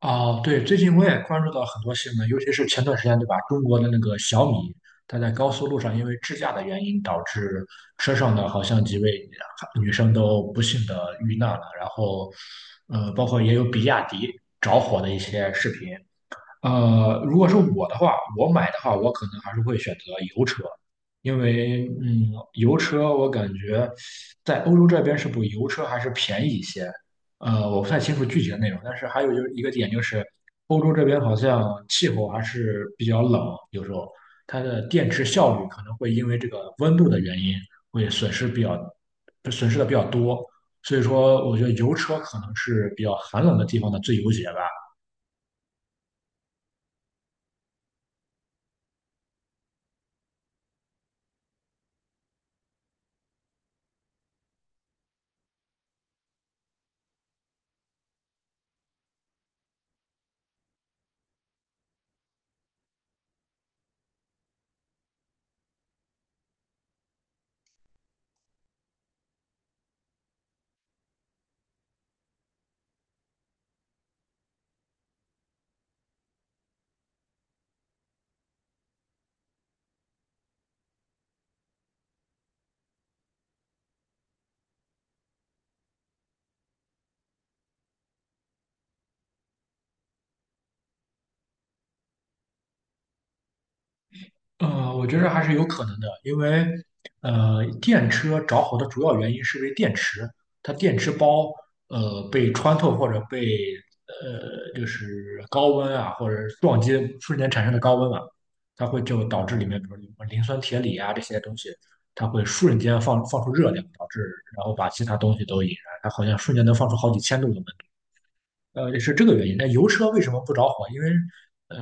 哦，对，最近我也关注到很多新闻，尤其是前段时间，对吧？中国的那个小米，它在高速路上因为智驾的原因，导致车上的好像几位女生都不幸的遇难了。然后，包括也有比亚迪着火的一些视频。如果是我的话，我买的话，我可能还是会选择油车，因为嗯，油车我感觉在欧洲这边是不是油车还是便宜一些。我不太清楚具体的内容，但是还有就是一个点就是，欧洲这边好像气候还是比较冷，有时候它的电池效率可能会因为这个温度的原因会损失的比较多，所以说我觉得油车可能是比较寒冷的地方的最优解吧。我觉得还是有可能的，因为电车着火的主要原因是因为电池，它电池包被穿透或者被就是高温啊或者撞击瞬间产生的高温嘛，它会就导致里面比如说磷酸铁锂啊这些东西，它会瞬间放出热量，导致然后把其他东西都引燃，它好像瞬间能放出好几千度的温。是这个原因。那油车为什么不着火？因为呃，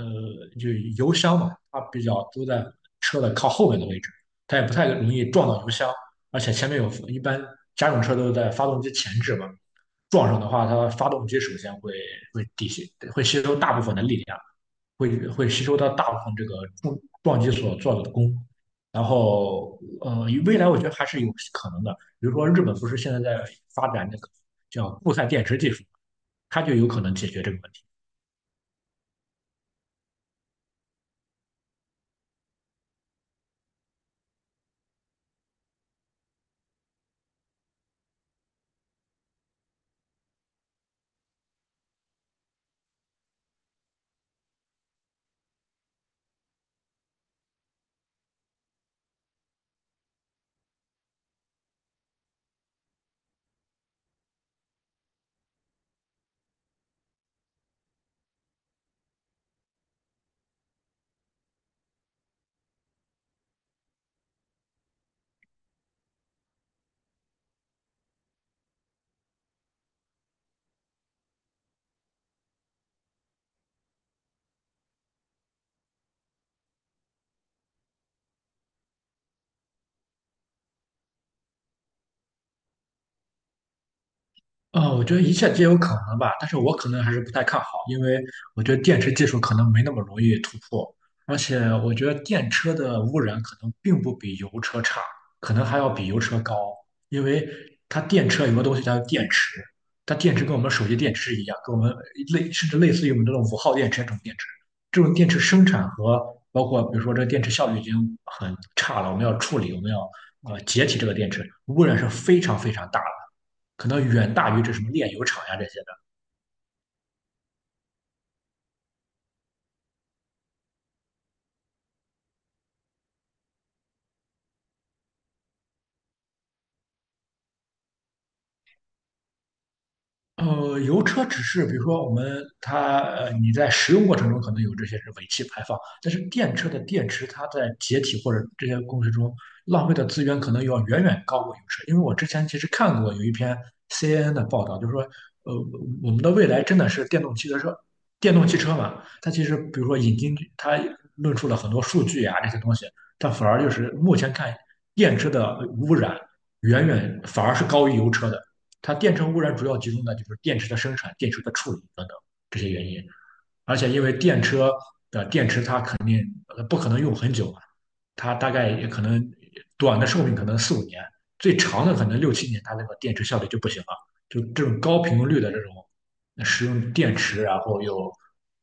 就油箱嘛，它比较都在车的靠后面的位置，它也不太容易撞到油箱，而且前面有，一般家用车都是在发动机前置嘛，撞上的话，它发动机首先会抵消，会吸收大部分的力量。会吸收到大部分这个重撞击所做的功。然后，未来我觉得还是有可能的。比如说，日本不是现在在发展那个叫固态电池技术，它就有可能解决这个问题。啊，我觉得一切皆有可能吧，但是我可能还是不太看好，因为我觉得电池技术可能没那么容易突破，而且我觉得电车的污染可能并不比油车差，可能还要比油车高，因为它电车有个东西叫电池，它电池跟我们手机电池一样，跟我们甚至类似于我们这种5号电池这种电池，这种电池生产和包括比如说这电池效率已经很差了，我们要处理，我们要解体这个电池，污染是非常非常大的。可能远大于这什么炼油厂呀这些。油车只是比如说我们它你在使用过程中可能有这些是尾气排放，但是电车的电池它在解体或者这些过程中浪费的资源可能要远远高过油车，因为我之前其实看过有一篇 CNN 的报道，就是说呃我们的未来真的是电动汽车，电动汽车嘛，它其实比如说引进它论述了很多数据啊这些东西，它反而就是目前看电车的污染远远反而是高于油车的。它电池污染主要集中在就是电池的生产、电池的处理等等这些原因，而且因为电车的电池它不可能用很久嘛，它大概也可能短的寿命可能四五年，最长的可能六七年，它那个电池效率就不行了。就这种高频率的这种使用电池啊，然后又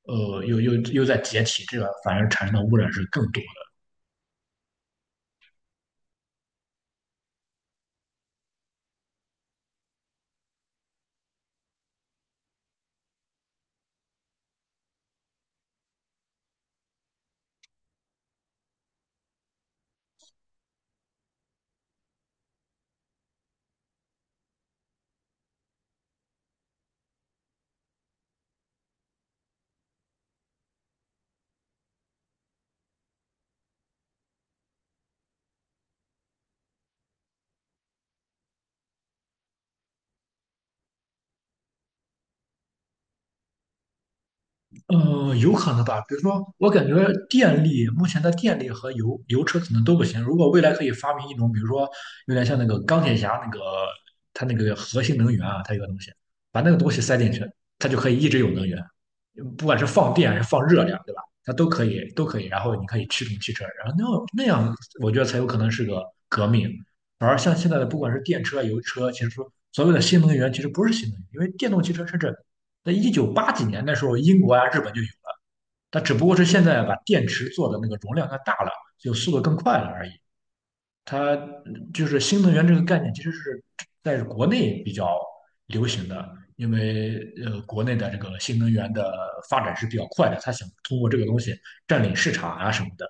呃又又又在解体，这个反而产生的污染是更多。有可能吧。比如说，我感觉电力目前的电力和油车可能都不行。如果未来可以发明一种，比如说有点像那个钢铁侠那个，它那个核心能源啊，它有个东西，把那个东西塞进去，它就可以一直有能源，不管是放电还是放热量，对吧？它都可以，都可以。然后你可以驱动汽车，然后那样，我觉得才有可能是个革命。而像现在的，不管是电车啊、油车，其实说所谓的新能源，其实不是新能源，因为电动汽车甚至在一九八几年的时候，英国啊、日本就有了，它只不过是现在把电池做的那个容量它大了，就速度更快了而已。它就是新能源这个概念，其实是在国内比较流行的，因为国内的这个新能源的发展是比较快的，它想通过这个东西占领市场啊什么的。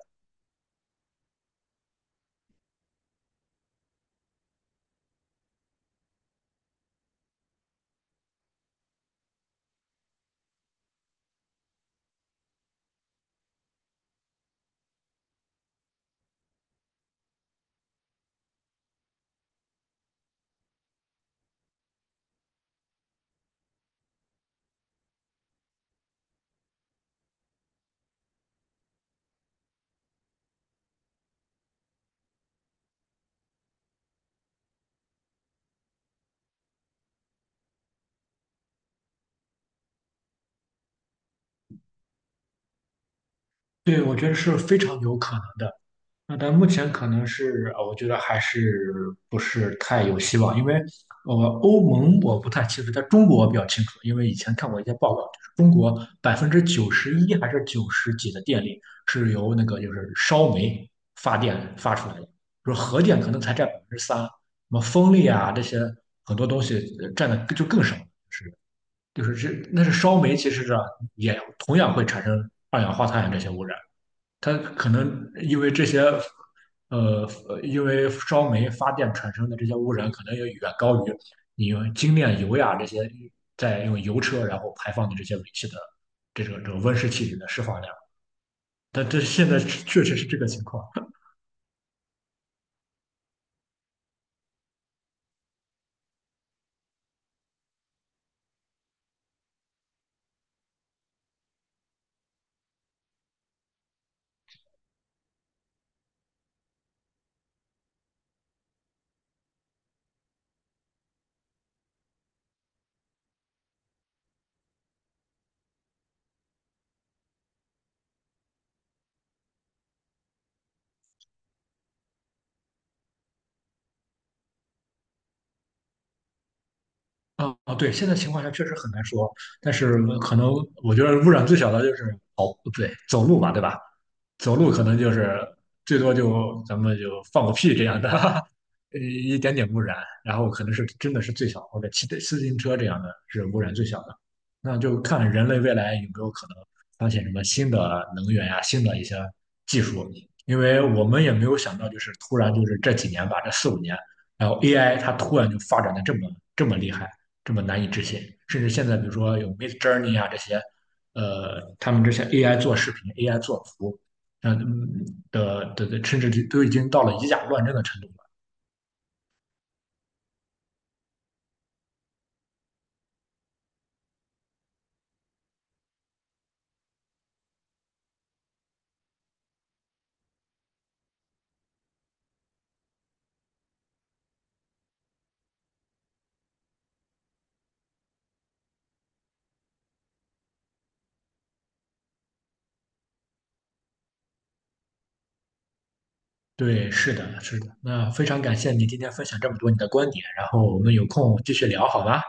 对，我觉得是非常有可能的。那但目前可能是，我觉得还是不是太有希望，因为呃，欧盟我不太清楚，在中国我比较清楚，因为以前看过一些报告，就是中国91%还是九十几的电力是由那个就是烧煤发电发出来的，就是核电可能才占3%，什么风力啊这些很多东西占的就更少，是就是这那是烧煤，其实是啊也同样会产生二氧化碳这些污染。它可能因为这些，呃，因为烧煤发电产生的这些污染，可能也远高于你用精炼油呀这些在用油车然后排放的这些尾气的这种温室气体的释放量。但这现在确实是这个情况。啊啊，对，现在情况下确实很难说，但是可能我觉得污染最小的就是哦，对，走路吧，对吧？走路可能就是最多就咱们就放个屁这样的，一点点污染。然后可能是真的是最小，或者骑自行车这样的是污染最小的。那就看人类未来有没有可能发现什么新的能源呀、新的一些技术，因为我们也没有想到，就是突然就是这几年吧，这四五年，然后 AI 它突然就发展的这么厉害，这么难以置信，甚至现在比如说有 Midjourney 啊这些。他们这些 AI 做视频、AI 做图，呃嗯的的的，甚至都已经到了以假乱真的程度了。对，是的，是的。那非常感谢你今天分享这么多你的观点，然后我们有空继续聊好吗？